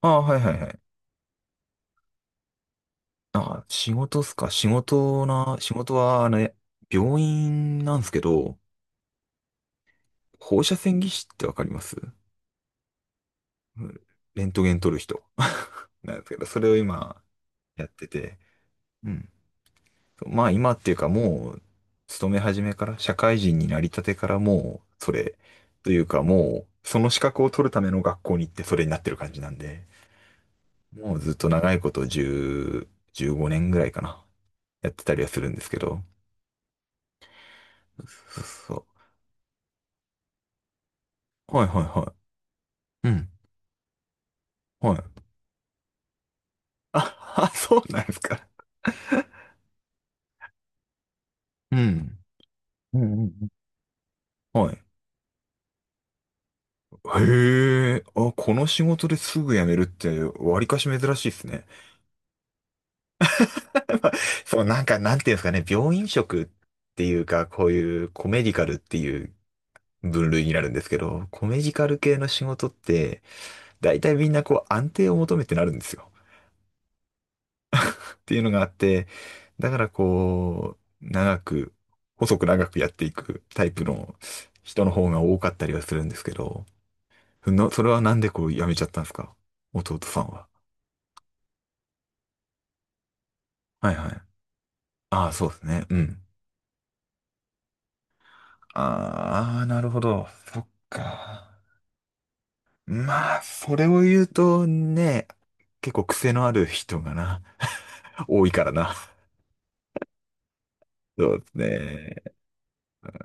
ああ、はいはいはい。あ、仕事っすか。仕事はあれ、病院なんですけど、放射線技師ってわかります？うん。レントゲン撮る人。なんですけど、それを今やってて、うん。そうまあ今っていうかもう、勤め始めから、社会人になりたてからもう、それ、というかもう、その資格を取るための学校に行ってそれになってる感じなんで、もうずっと長いこと10、15年ぐらいかな、やってたりはするんですけど、そうそう、はいはいはい、うん。はい。あそうなんですか。うん。うんうんうん、はい。へえ、あ、この仕事ですぐ辞めるって、わりかし珍しいですね。まあ、そう、なんか、なんていうんですかね、病院食っていうか、こういうコメディカルっていう分類になるんですけど、コメディカル系の仕事って、大体みんなこう安定を求めてなるんですよ。っていうのがあって、だからこう、長く、細く長くやっていくタイプの人の方が多かったりはするんですけど、それはなんでこうやめちゃったんですか、弟さんは？はいはい。ああ、そうですね。うん。ああ、なるほど。そっか。まあ、それを言うとね、結構癖のある人がな、多いからな。そうですね。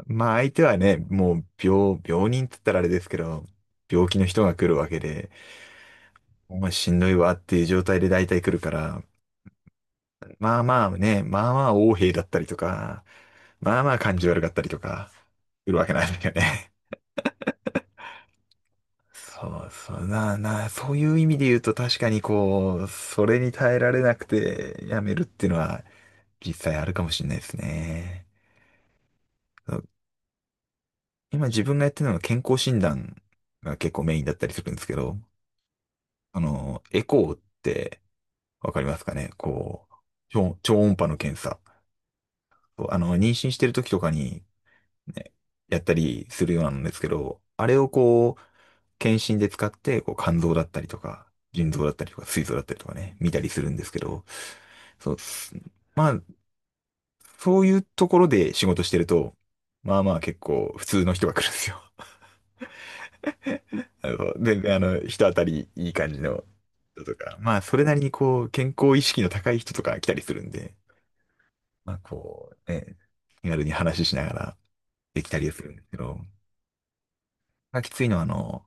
まあ相手はね、もう病人って言ったらあれですけど、病気の人が来るわけで、お前しんどいわっていう状態で大体来るから、まあまあね、まあまあ横柄だったりとか、まあまあ感じ悪かったりとか、来るわけないですよね。そうそうなあなあ、そういう意味で言うと確かにこう、それに耐えられなくてやめるっていうのは実際あるかもしれないですね。そう、今自分がやってるのは健康診断が結構メインだったりするんですけど、あの、エコーってわかりますかね？こう、超音波の検査。あの、妊娠してる時とかに、ね、やったりするようなんですけど、あれをこう、検診で使って、こう、肝臓だったりとか、腎臓だったりとか、膵臓だったりとかね、見たりするんですけど、そう、そういうところで仕事してると、まあまあ結構普通の人が来るんですよ。あの、全然あの、人当たりいい感じの人とか、まあそれなりにこう、健康意識の高い人とか来たりするんで、まあこう、ね、気軽に話ししながらできたりはするんですけど、まあきついのはあの、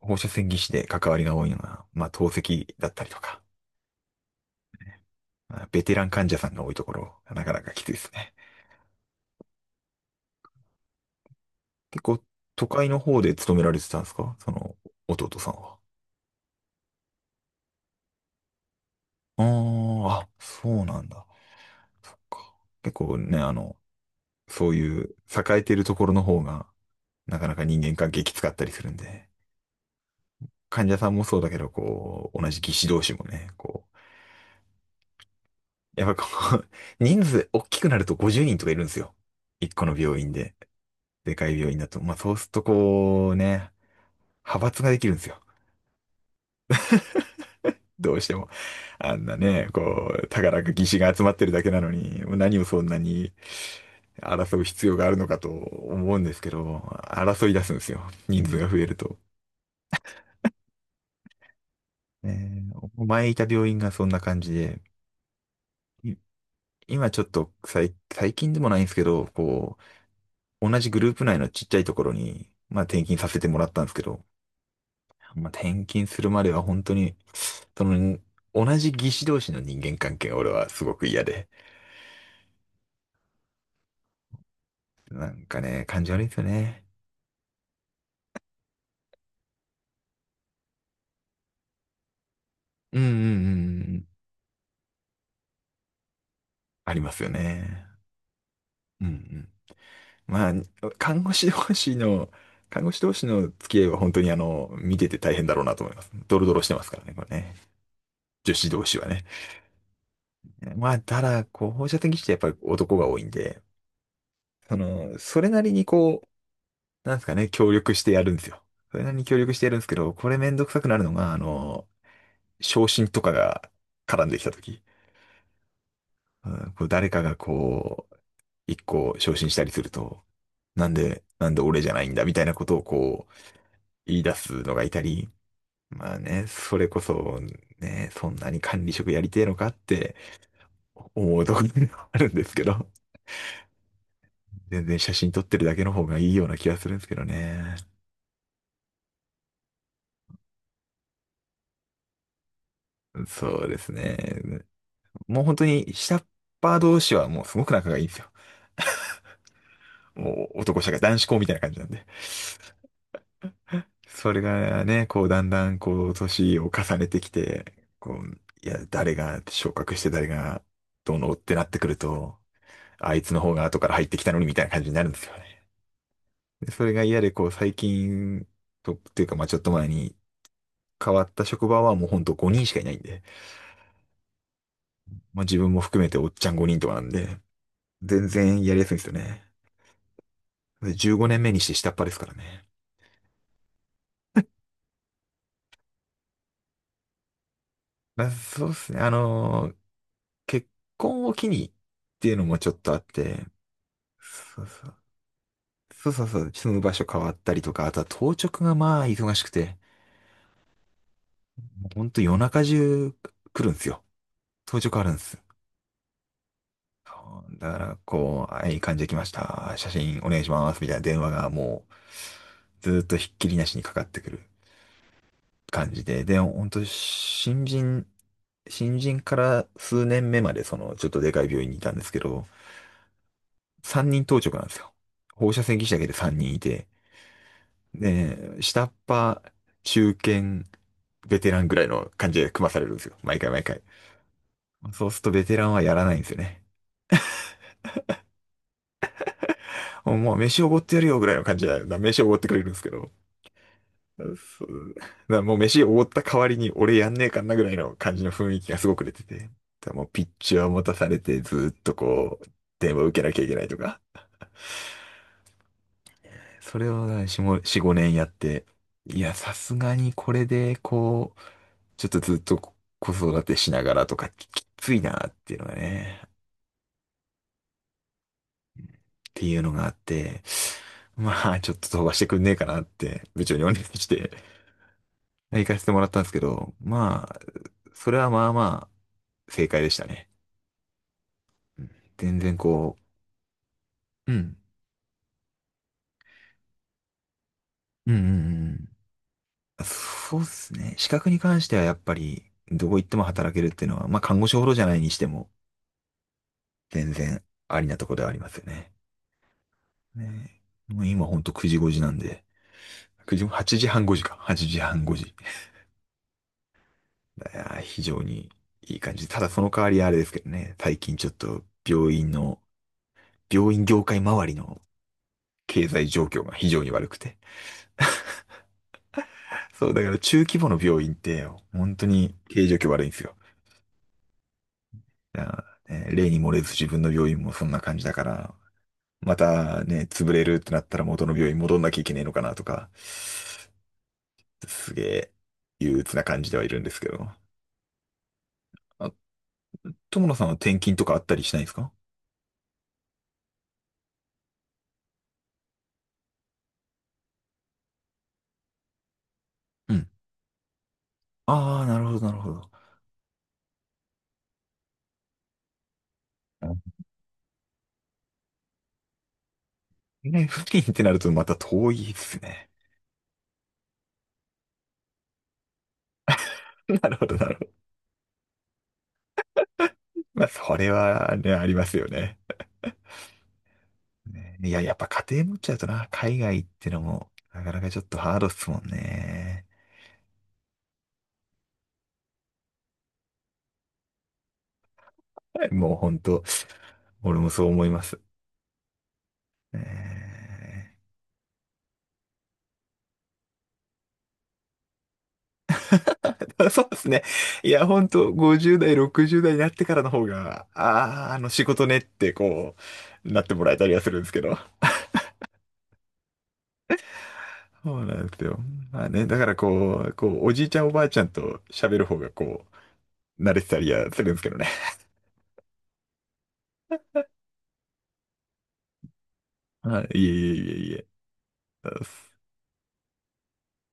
放射線技師で関わりが多いのは、まあ、透析だったりとか、まあベテラン患者さんが多いところ、なかなかきついですね。結構、都会の方で勤められてたんですか、その、弟さんは？ああ、あ、そうなんだ。そっか。結構ね、あの、そういう栄えてるところの方が、なかなか人間関係きつかったりするんで、患者さんもそうだけど、こう、同じ技師同士もね、こう、やっぱこう、人数大きくなると50人とかいるんですよ。一個の病院で。でかい病院だと。まあ、そうするとこうね、派閥ができるんですよ。どうしても。あんなね、こう、たかだか義士が集まってるだけなのに、何をそんなに争う必要があるのかと思うんですけど、争い出すんですよ。人数が増えると。ねえ、前いた病院がそんな感じで、い今ちょっと最近でもないんですけど、こう、同じグループ内のちっちゃいところに、まあ転勤させてもらったんですけど、まあ転勤するまでは本当にその、同じ技師同士の人間関係が俺はすごく嫌で。なんかね、感じ悪いんですよね。うんうんうんうん。ありますよね。うんうん。まあ、看護師同士の、看護師同士の付き合いは本当にあの、見てて大変だろうなと思います。ドロドロしてますからね、これね。女子同士はね。まあ、ただ、こう、放射線技師ってやっぱり男が多いんで、その、それなりにこう、なんですかね、協力してやるんですよ。それなりに協力してやるんですけど、これめんどくさくなるのが、あの、昇進とかが絡んできたとき、うん、こう誰かがこう、一個昇進したりすると、なんで俺じゃないんだみたいなことをこう、言い出すのがいたり、まあね、それこそ、ね、そんなに管理職やりてえのかって思うところがあるんですけど、全然写真撮ってるだけの方がいいような気がするんですけどね。そうですね。もう本当に下っ端同士はもうすごく仲がいいんですよ。もう男社会、男子校みたいな感じなんで。それがね、こう、だんだん、こう、年を重ねてきて、こう、いや、誰が昇格して誰がどうのってなってくると、あいつの方が後から入ってきたのにみたいな感じになるんですよね。で、それが嫌で、こう、最近、っていうか、まあちょっと前に変わった職場はもうほんと5人しかいないんで、まあ自分も含めておっちゃん5人とかなんで、全然やりやすいんですよね。で、15年目にして下っ端ですからね。まあ、そうですね。結婚を機にっていうのもちょっとあって、そうそう。そうそうそう、住む場所変わったりとか、あとは当直がまあ忙しくて、もうほんと夜中中来るんですよ。当直あるんです。だから、こう、はい、患者来ました。写真お願いします。みたいな電話がもう、ずーっとひっきりなしにかかってくる感じで。で、ほんと、新人から数年目まで、その、ちょっとでかい病院にいたんですけど、3人当直なんですよ。放射線技師だけで3人いて、ねえ、下っ端、中堅、ベテランぐらいの感じで組まされるんですよ。毎回毎回。そうするとベテランはやらないんですよね。もう飯おごってやるよぐらいの感じで、だから飯おごってくれるんですけど。そうだからもう飯おごった代わりに俺やんねえかんなぐらいの感じの雰囲気がすごく出てて。だからもうピッチを持たされてずーっとこう、電話を受けなきゃいけないとか。それを4、5年やって、いや、さすがにこれでこう、ちょっとずっと子育てしながらとかききついなっていうのがね、っていうのがあって、まあちょっと飛ばしてくんねえかなって部長にお願いして行かせてもらったんですけど、まあ、それはまあまあ正解でしたね。うん、全然こう、うん。うんうんうんうん、そうですね。資格に関してはやっぱりどこ行っても働けるっていうのは、まあ看護師ほどじゃないにしても全然ありなところではありますよね。ね、もう今ほんと9時5時なんで、9時、8時半5時か。8時半5時。いやー非常にいい感じ。ただその代わりあれですけどね、最近ちょっと病院業界周りの経済状況が非常に悪くて。そう、だから中規模の病院って本当に経営状況悪いんですよ。だからね例に漏れず自分の病院もそんな感じだから、またね、潰れるってなったら元の病院戻んなきゃいけねえのかなとか、すげえ憂鬱な感じではいるんですけど。あ、友野さんは転勤とかあったりしないんですか？うん、ああ、なるほど、なるほど。ね、付近ってなるとまた遠いですね。なるほど、なるほど。まあ、それはね、ありますよね。ね、いや、やっぱ家庭持っちゃうとな、海外ってのも、なかなかちょっとハードっすもんね。もうほんと、俺もそう思います。えー そうですね。いや、ほんと、50代、60代になってからの方が、ああ、あの仕事ねって、こう、なってもらえたりはするんですけど。そうなんですよ。まあね、だからこう、おじいちゃんおばあちゃんと喋る方がこう、慣れてたりはするんですけどね。はい、いえいえいえいえ。